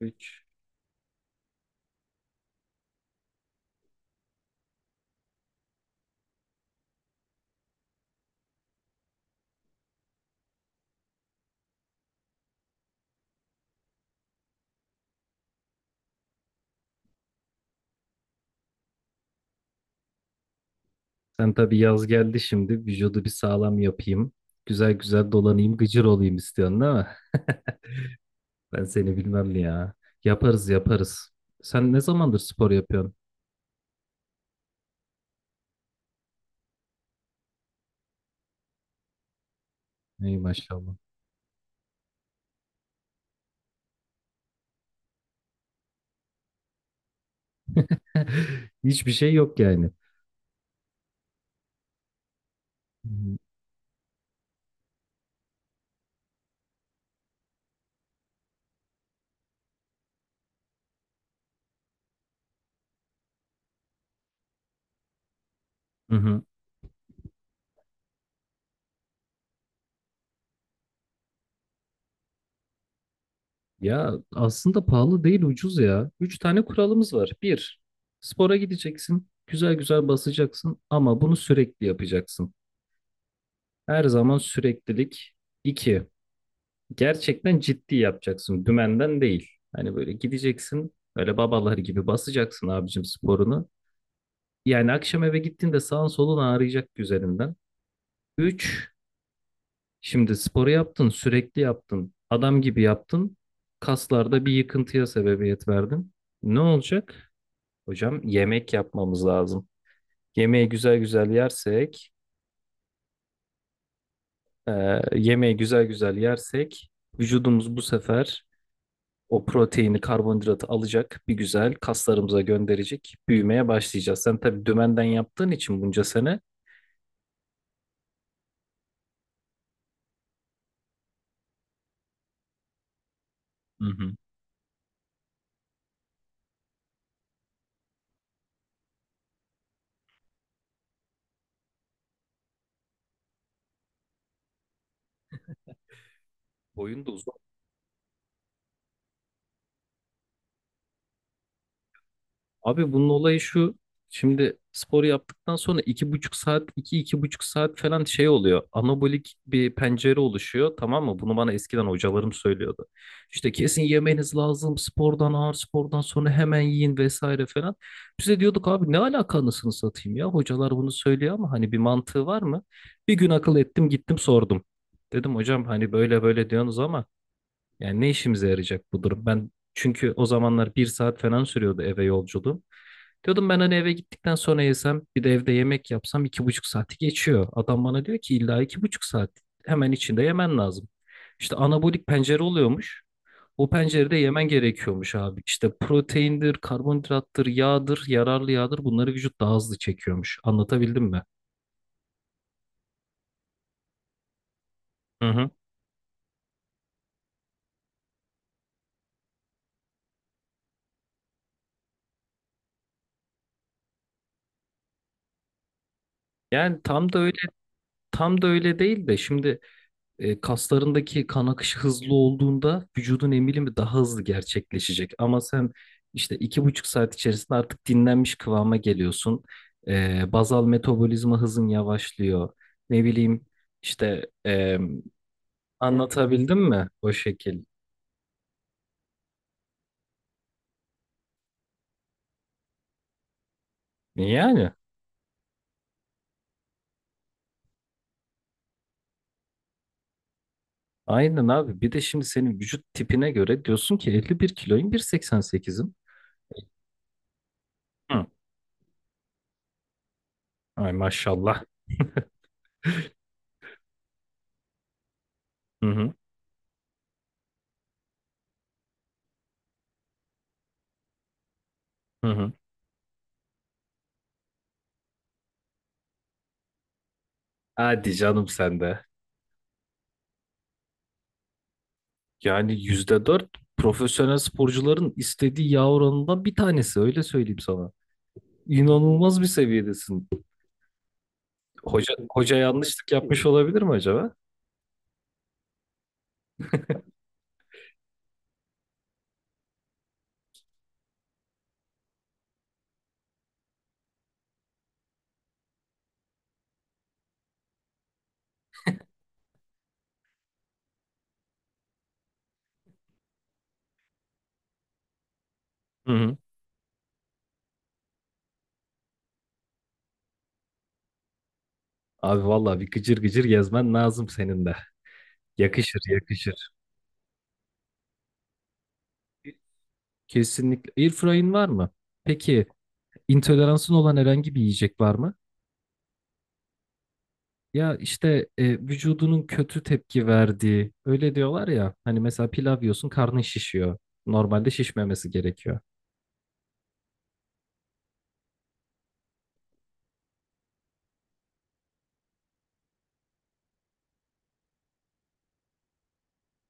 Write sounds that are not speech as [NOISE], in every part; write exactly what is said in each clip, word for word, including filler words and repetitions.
Üç. Sen tabii yaz geldi şimdi. Vücudu bir sağlam yapayım. Güzel güzel dolanayım, gıcır olayım istiyorsun değil mi? Ben seni bilmem ya. Yaparız yaparız. Sen ne zamandır spor yapıyorsun? Ey maşallah. [LAUGHS] Hiçbir şey yok yani. Hı hı. Ya aslında pahalı değil ucuz ya. Üç tane kuralımız var. Bir, spora gideceksin. Güzel güzel basacaksın ama bunu sürekli yapacaksın. Her zaman süreklilik. İki, gerçekten ciddi yapacaksın. Dümenden değil. Hani böyle gideceksin. Öyle babalar gibi basacaksın abicim sporunu. Yani akşam eve gittiğinde sağın solun ağrıyacak üzerinden. Üç, şimdi sporu yaptın, sürekli yaptın. Adam gibi yaptın. Kaslarda bir yıkıntıya sebebiyet verdin. Ne olacak? Hocam yemek yapmamız lazım. Yemeği güzel güzel yersek, e, yemeği güzel güzel yersek vücudumuz bu sefer o proteini, karbonhidratı alacak, bir güzel kaslarımıza gönderecek, büyümeye başlayacağız. Sen tabii dümenden yaptığın için bunca sene. Hı hı. Boyun da uzun. Abi bunun olayı şu. Şimdi spor yaptıktan sonra iki buçuk saat, iki iki buçuk saat falan şey oluyor. Anabolik bir pencere oluşuyor, tamam mı? Bunu bana eskiden hocalarım söylüyordu. İşte kesin yemeniz lazım. Spordan, ağır spordan sonra hemen yiyin vesaire falan. Biz de diyorduk abi ne alaka anasını satayım ya. Hocalar bunu söylüyor ama hani bir mantığı var mı? Bir gün akıl ettim, gittim sordum. Dedim hocam hani böyle böyle diyorsunuz ama yani ne işimize yarayacak bu durum? Ben çünkü o zamanlar bir saat falan sürüyordu eve yolculuğum. Diyordum ben hani eve gittikten sonra yesem bir de evde yemek yapsam iki buçuk saati geçiyor. Adam bana diyor ki illa iki buçuk saat hemen içinde yemen lazım. İşte anabolik pencere oluyormuş. O pencerede yemen gerekiyormuş abi. İşte proteindir, karbonhidrattır, yağdır, yararlı yağdır, bunları vücut daha hızlı çekiyormuş. Anlatabildim mi? Hı hı. Yani tam da öyle tam da öyle değil de şimdi. E, kaslarındaki kan akışı hızlı olduğunda vücudun emilimi daha hızlı gerçekleşecek. Ama sen işte iki buçuk saat içerisinde artık dinlenmiş kıvama geliyorsun. E, bazal metabolizma hızın yavaşlıyor. Ne bileyim işte, e, anlatabildim mi o şekil? Yani aynen abi. Bir de şimdi senin vücut tipine göre diyorsun ki elli bir kiloyum, bir seksen sekizim. Hı. Ay maşallah. Hı hı. Hı hı. Hadi canım sen de. Yani yüzde dört, profesyonel sporcuların istediği yağ oranından bir tanesi, öyle söyleyeyim sana. İnanılmaz bir seviyedesin. Hoca, hoca yanlışlık yapmış olabilir mi acaba? Hı hı. Abi vallahi bir gıcır gıcır gezmen lazım senin de. Yakışır yakışır. Kesinlikle. Airfryer'in var mı? Peki intoleransın olan herhangi bir yiyecek var mı? Ya işte, e, vücudunun kötü tepki verdiği, öyle diyorlar ya hani, mesela pilav yiyorsun karnın şişiyor. Normalde şişmemesi gerekiyor.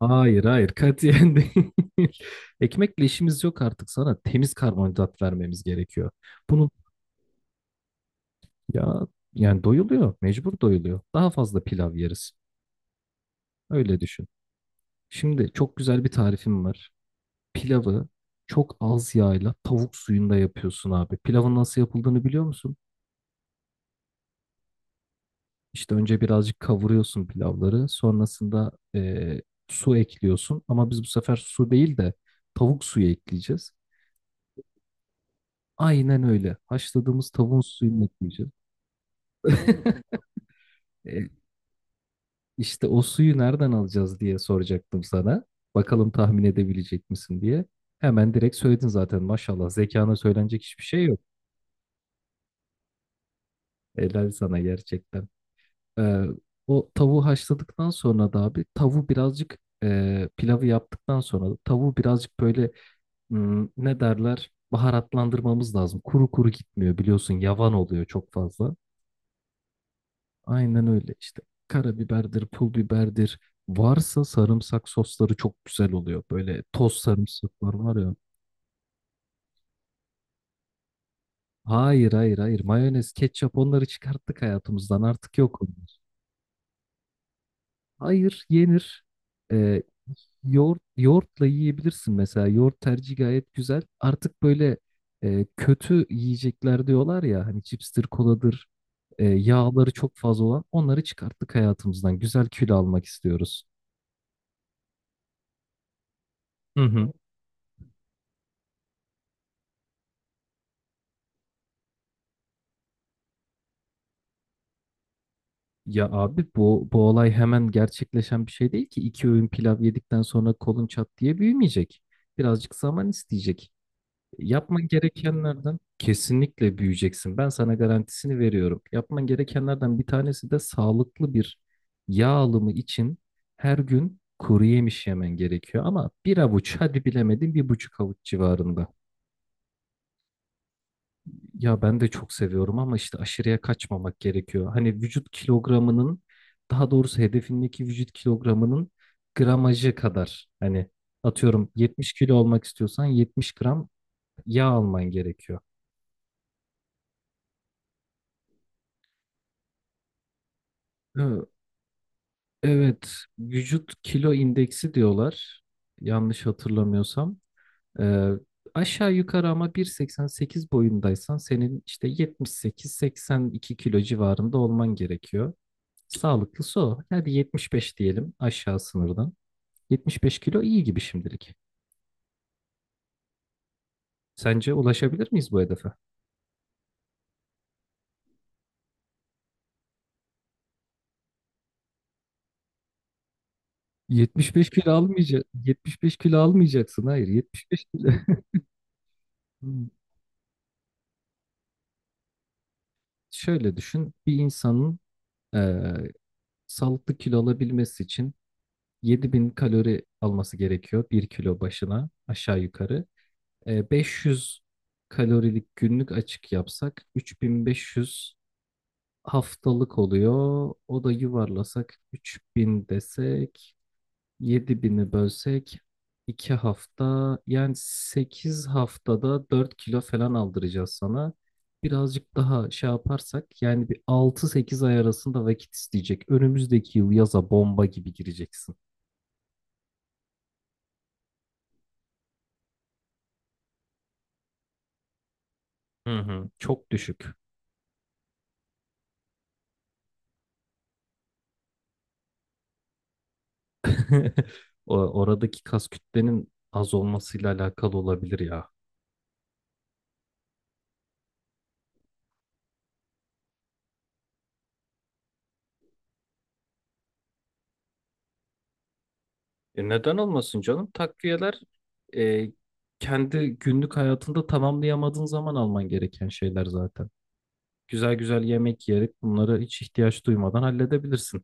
Hayır hayır, katiyen değil. [LAUGHS] Ekmekle işimiz yok, artık sana temiz karbonhidrat vermemiz gerekiyor. Bunu ya Yani doyuluyor, mecbur doyuluyor. Daha fazla pilav yeriz, öyle düşün. Şimdi çok güzel bir tarifim var. Pilavı çok az yağla tavuk suyunda yapıyorsun abi. Pilavın nasıl yapıldığını biliyor musun? İşte önce birazcık kavuruyorsun pilavları. Sonrasında eee, su ekliyorsun. Ama biz bu sefer su değil de tavuk suyu ekleyeceğiz. Aynen öyle. Haşladığımız tavuğun suyunu ekleyeceğiz. [LAUGHS] E, işte o suyu nereden alacağız diye soracaktım sana. Bakalım tahmin edebilecek misin diye. Hemen direkt söyledin zaten, maşallah. Zekana söylenecek hiçbir şey yok. Helal sana gerçekten. Ee, o tavuğu haşladıktan sonra da abi tavuğu birazcık e, pilavı yaptıktan sonra da tavuğu birazcık böyle, hmm, ne derler, baharatlandırmamız lazım. Kuru kuru gitmiyor, biliyorsun yavan oluyor çok fazla. Aynen öyle işte, karabiberdir, pul biberdir. Varsa sarımsak sosları çok güzel oluyor. Böyle toz sarımsaklar var ya. Hayır hayır hayır, mayonez, ketçap, onları çıkarttık hayatımızdan, artık yok onlar. Hayır, yenir. Ee, Yoğurt, yoğurtla yiyebilirsin mesela. Yoğurt tercihi gayet güzel. Artık böyle, e, kötü yiyecekler diyorlar ya hani, cipstir, koladır, e, yağları çok fazla olan, onları çıkarttık hayatımızdan. Güzel kilo almak istiyoruz. Hı hı. Ya abi bu bu olay hemen gerçekleşen bir şey değil ki. İki öğün pilav yedikten sonra kolun çat diye büyümeyecek. Birazcık zaman isteyecek. Yapman gerekenlerden kesinlikle büyüyeceksin. Ben sana garantisini veriyorum. Yapman gerekenlerden bir tanesi de sağlıklı bir yağ alımı için her gün kuru yemiş yemen gerekiyor. Ama bir avuç, hadi bilemedin bir buçuk avuç civarında. Ya ben de çok seviyorum ama işte aşırıya kaçmamak gerekiyor. Hani vücut kilogramının, daha doğrusu hedefindeki vücut kilogramının gramajı kadar. Hani atıyorum yetmiş kilo olmak istiyorsan yetmiş gram yağ alman gerekiyor. Ee, Evet, vücut kilo indeksi diyorlar. Yanlış hatırlamıyorsam. Ee, aşağı yukarı, ama bir seksen sekiz boyundaysan senin işte yetmiş sekiz seksen iki kilo civarında olman gerekiyor. Sağlıklısı o. Hadi yetmiş beş diyelim aşağı sınırdan. yetmiş beş kilo iyi gibi şimdilik. Sence ulaşabilir miyiz bu hedefe? yetmiş beş kilo almayacak, yetmiş beş kilo almayacaksın. Hayır, yetmiş beş kilo. [LAUGHS] Hmm. Şöyle düşün, bir insanın eee, sağlıklı kilo alabilmesi için yedi bin kalori alması gerekiyor bir kilo başına aşağı yukarı. E, beş yüz kalorilik günlük açık yapsak üç bin beş yüz haftalık oluyor. O da yuvarlasak üç bin desek, yedi bini bölsek iki hafta, yani sekiz haftada dört kilo falan aldıracağız sana. Birazcık daha şey yaparsak yani bir altı sekiz ay arasında vakit isteyecek. Önümüzdeki yıl yaza bomba gibi gireceksin. Hı hı. Çok düşük. [LAUGHS] O- Oradaki kas kütlenin az olmasıyla alakalı olabilir ya. E neden olmasın canım? Takviyeler, e, kendi günlük hayatında tamamlayamadığın zaman alman gereken şeyler zaten. Güzel güzel yemek yiyerek bunları hiç ihtiyaç duymadan halledebilirsin.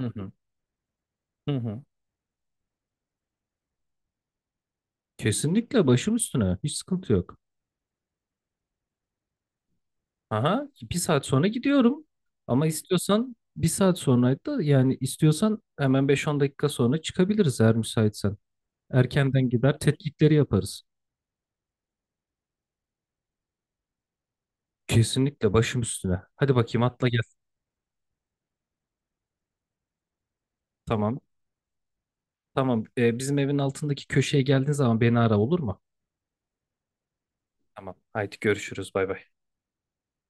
Hı hı. Hı hı. Kesinlikle başım üstüne. Hiç sıkıntı yok. Aha, bir saat sonra gidiyorum. Ama istiyorsan bir saat sonra da, yani istiyorsan hemen beş on dakika sonra çıkabiliriz, eğer müsaitsen. Erkenden gider tetkikleri yaparız. Kesinlikle başım üstüne. Hadi bakayım atla gel. Tamam. Tamam. Ee, bizim evin altındaki köşeye geldiğin zaman beni ara, olur mu? Tamam. Haydi görüşürüz. Bay bay.